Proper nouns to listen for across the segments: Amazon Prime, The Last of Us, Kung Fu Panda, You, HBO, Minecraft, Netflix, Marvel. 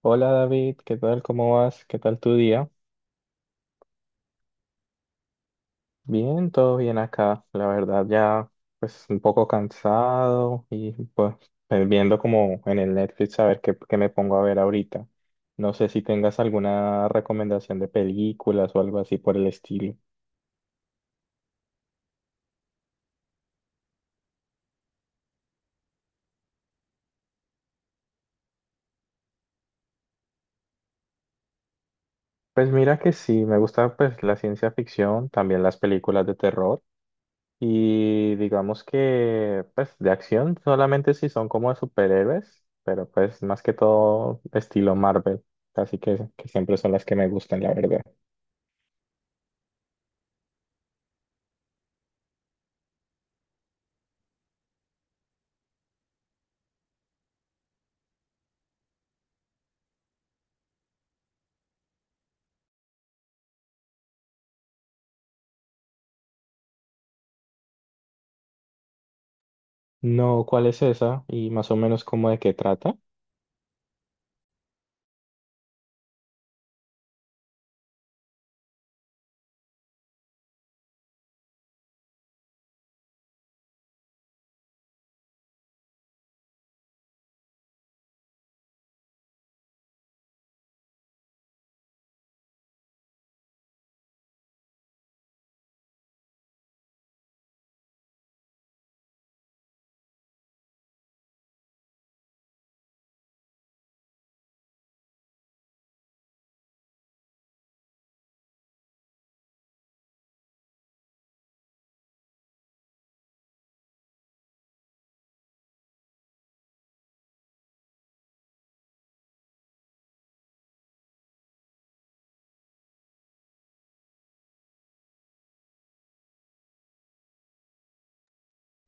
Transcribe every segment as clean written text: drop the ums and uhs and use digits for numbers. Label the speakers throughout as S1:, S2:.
S1: Hola David, ¿qué tal? ¿Cómo vas? ¿Qué tal tu día? Bien, todo bien acá. La verdad ya pues un poco cansado y viendo como en el Netflix a ver qué me pongo a ver ahorita. No sé si tengas alguna recomendación de películas o algo así por el estilo. Pues mira que sí, me gusta pues la ciencia ficción, también las películas de terror. Y digamos que, pues, de acción solamente si son como de superhéroes, pero pues más que todo estilo Marvel. Así que siempre son las que me gustan, la verdad. No, ¿cuál es esa? Y más o menos cómo de qué trata.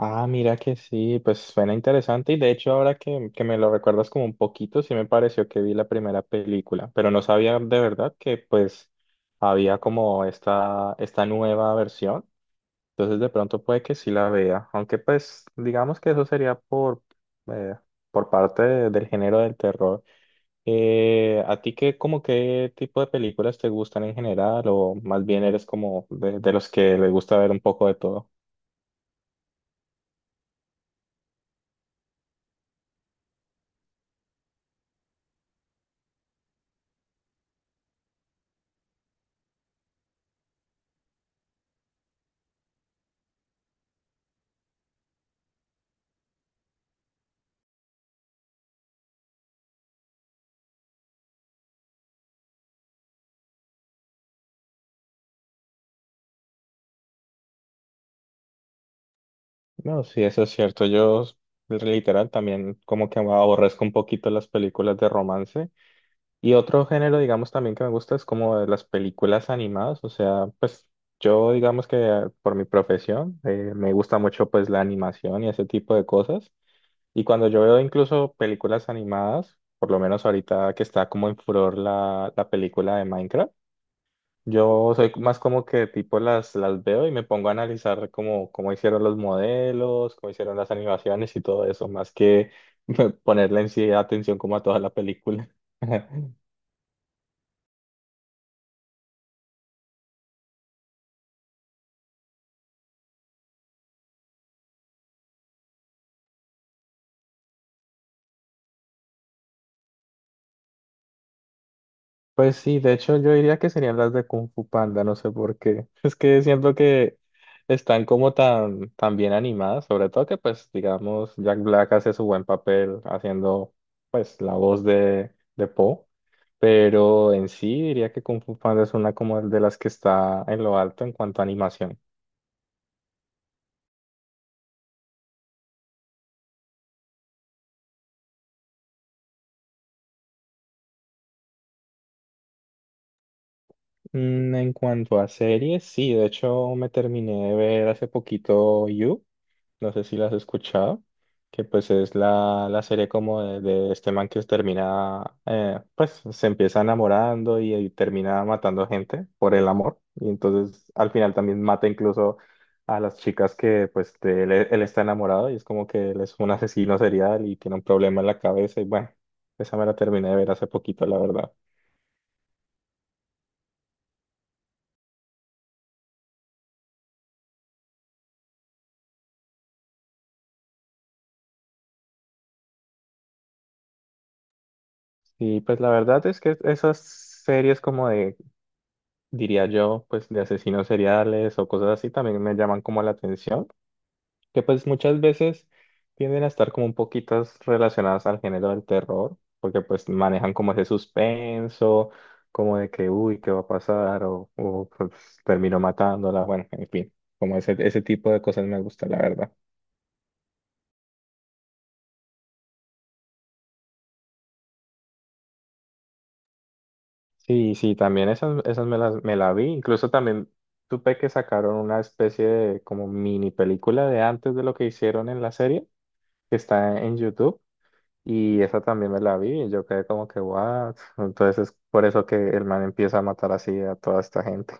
S1: Ah, mira que sí, pues suena interesante. Y de hecho, ahora que me lo recuerdas como un poquito, sí me pareció que vi la primera película, pero no sabía de verdad que pues había como esta nueva versión. Entonces de pronto puede que sí la vea, aunque pues digamos que eso sería eh, por del género del terror. ¿A ti qué, como qué tipo de películas te gustan en general o más bien eres como de los que les gusta ver un poco de todo? No, sí, eso es cierto. Yo literal también como que aborrezco un poquito las películas de romance. Y otro género, digamos, también que me gusta es como de las películas animadas, o sea, pues yo, digamos que por mi profesión, me gusta mucho pues la animación y ese tipo de cosas. Y cuando yo veo incluso películas animadas, por lo menos ahorita que está como en furor la película de Minecraft, yo soy más como que tipo las veo y me pongo a analizar cómo hicieron los modelos, cómo hicieron las animaciones y todo eso, más que ponerle en sí atención como a toda la película. Pues sí, de hecho yo diría que serían las de Kung Fu Panda, no sé por qué. Es que siento que están como tan bien animadas, sobre todo que pues digamos Jack Black hace su buen papel haciendo pues la voz de Po, pero en sí diría que Kung Fu Panda es una como de las que está en lo alto en cuanto a animación. Mm, en cuanto a series, sí, de hecho me terminé de ver hace poquito You. No sé si las has escuchado, que pues es la serie como de este man que termina, pues se empieza enamorando y termina matando gente por el amor, y entonces al final también mata incluso a las chicas que pues de él, él está enamorado y es como que él es un asesino serial y tiene un problema en la cabeza y bueno, esa me la terminé de ver hace poquito, la verdad. Y pues la verdad es que esas series como de, diría yo, pues de asesinos seriales o cosas así también me llaman como la atención. Que pues muchas veces tienden a estar como un poquitas relacionadas al género del terror, porque pues manejan como ese suspenso, como de que, uy, ¿qué va a pasar? O pues, termino matándola, bueno, en fin, como ese tipo de cosas me gusta, la verdad. Sí, sí, también esas me las me la vi, incluso también supe que sacaron una especie de como mini película de antes de lo que hicieron en la serie, que está en YouTube. Y esa también me la vi y yo quedé como que, what? Entonces es por eso que el man empieza a matar así a toda esta gente.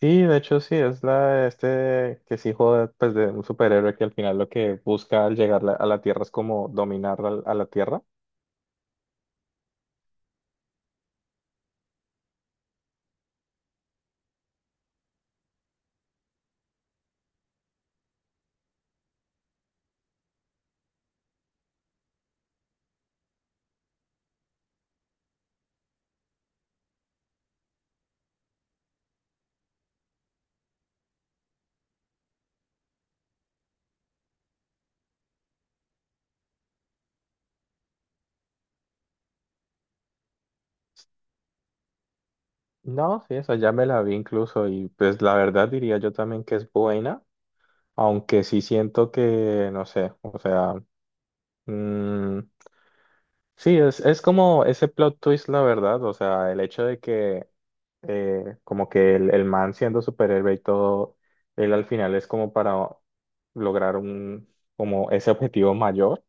S1: Sí, de hecho sí, es la de este que es hijo de, pues, de un superhéroe que al final lo que busca al llegar a la Tierra es como dominar la Tierra. No, sí, esa ya me la vi incluso y pues la verdad diría yo también que es buena, aunque sí siento que, no sé, o sea, mm, sí, es como ese plot twist, la verdad, o sea, el hecho de que como que el man siendo superhéroe y todo, él al final es como para lograr un, como ese objetivo mayor.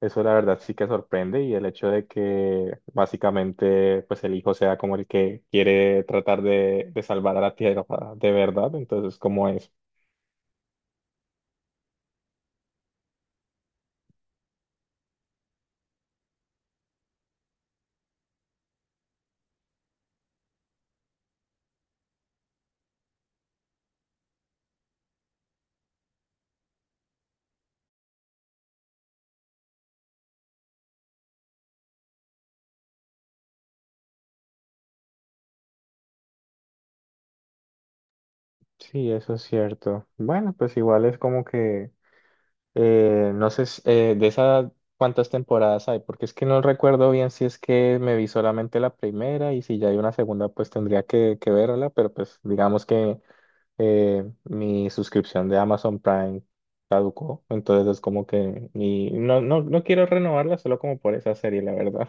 S1: Eso la verdad sí que sorprende y el hecho de que básicamente pues el hijo sea como el que quiere tratar de salvar a la tierra de verdad, entonces como es. Sí, eso es cierto. Bueno, pues igual es como que eh, no sé, de esas cuántas temporadas hay, porque es que no recuerdo bien si es que me vi solamente la primera y si ya hay una segunda, pues tendría que verla, pero pues digamos que mi suscripción de Amazon Prime caducó, entonces es como que ni, no, no, no quiero renovarla solo como por esa serie, la verdad.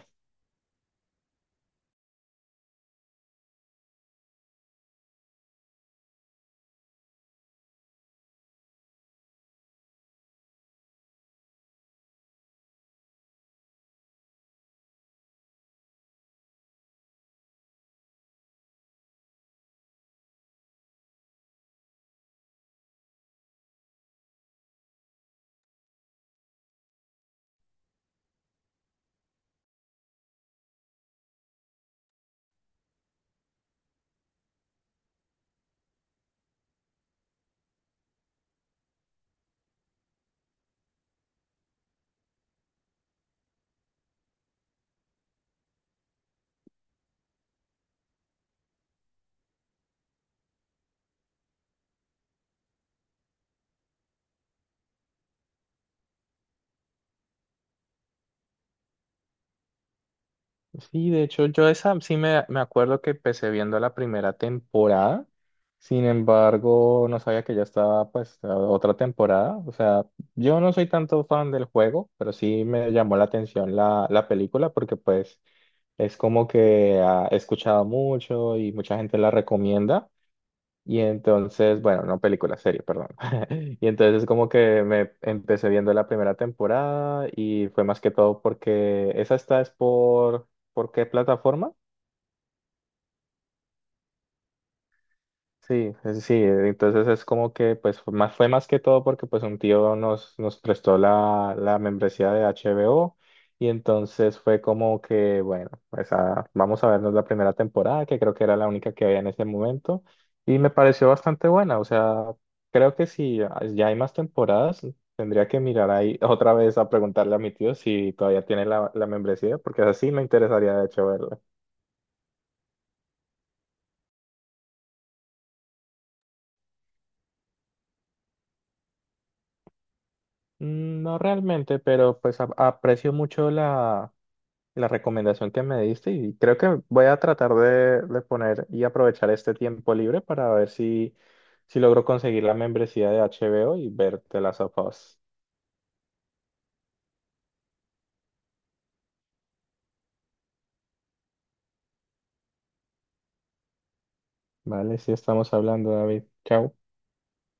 S1: Sí, de hecho, yo esa sí me acuerdo que empecé viendo la primera temporada. Sin embargo, no sabía que ya estaba pues la otra temporada. O sea, yo no soy tanto fan del juego, pero sí me llamó la atención la película porque pues es como que ah, he escuchado mucho y mucha gente la recomienda. Y entonces, bueno, no película, serie, perdón. Y entonces como que me empecé viendo la primera temporada y fue más que todo porque esa está es ¿por qué plataforma? Sí, entonces es como que pues fue fue más que todo porque pues un tío nos prestó la membresía de HBO y entonces fue como que bueno, pues ah, vamos a vernos la primera temporada que creo que era la única que había en ese momento y me pareció bastante buena, o sea, creo que si ya hay más temporadas tendría que mirar ahí otra vez a preguntarle a mi tío si todavía tiene la membresía porque así me interesaría de hecho verla. Mm, no realmente, pero pues aprecio mucho la la recomendación que me diste y creo que voy a tratar de poner y aprovechar este tiempo libre para ver si logro conseguir la membresía de HBO y ver The Last of Us. Vale, sí estamos hablando, David. Chao.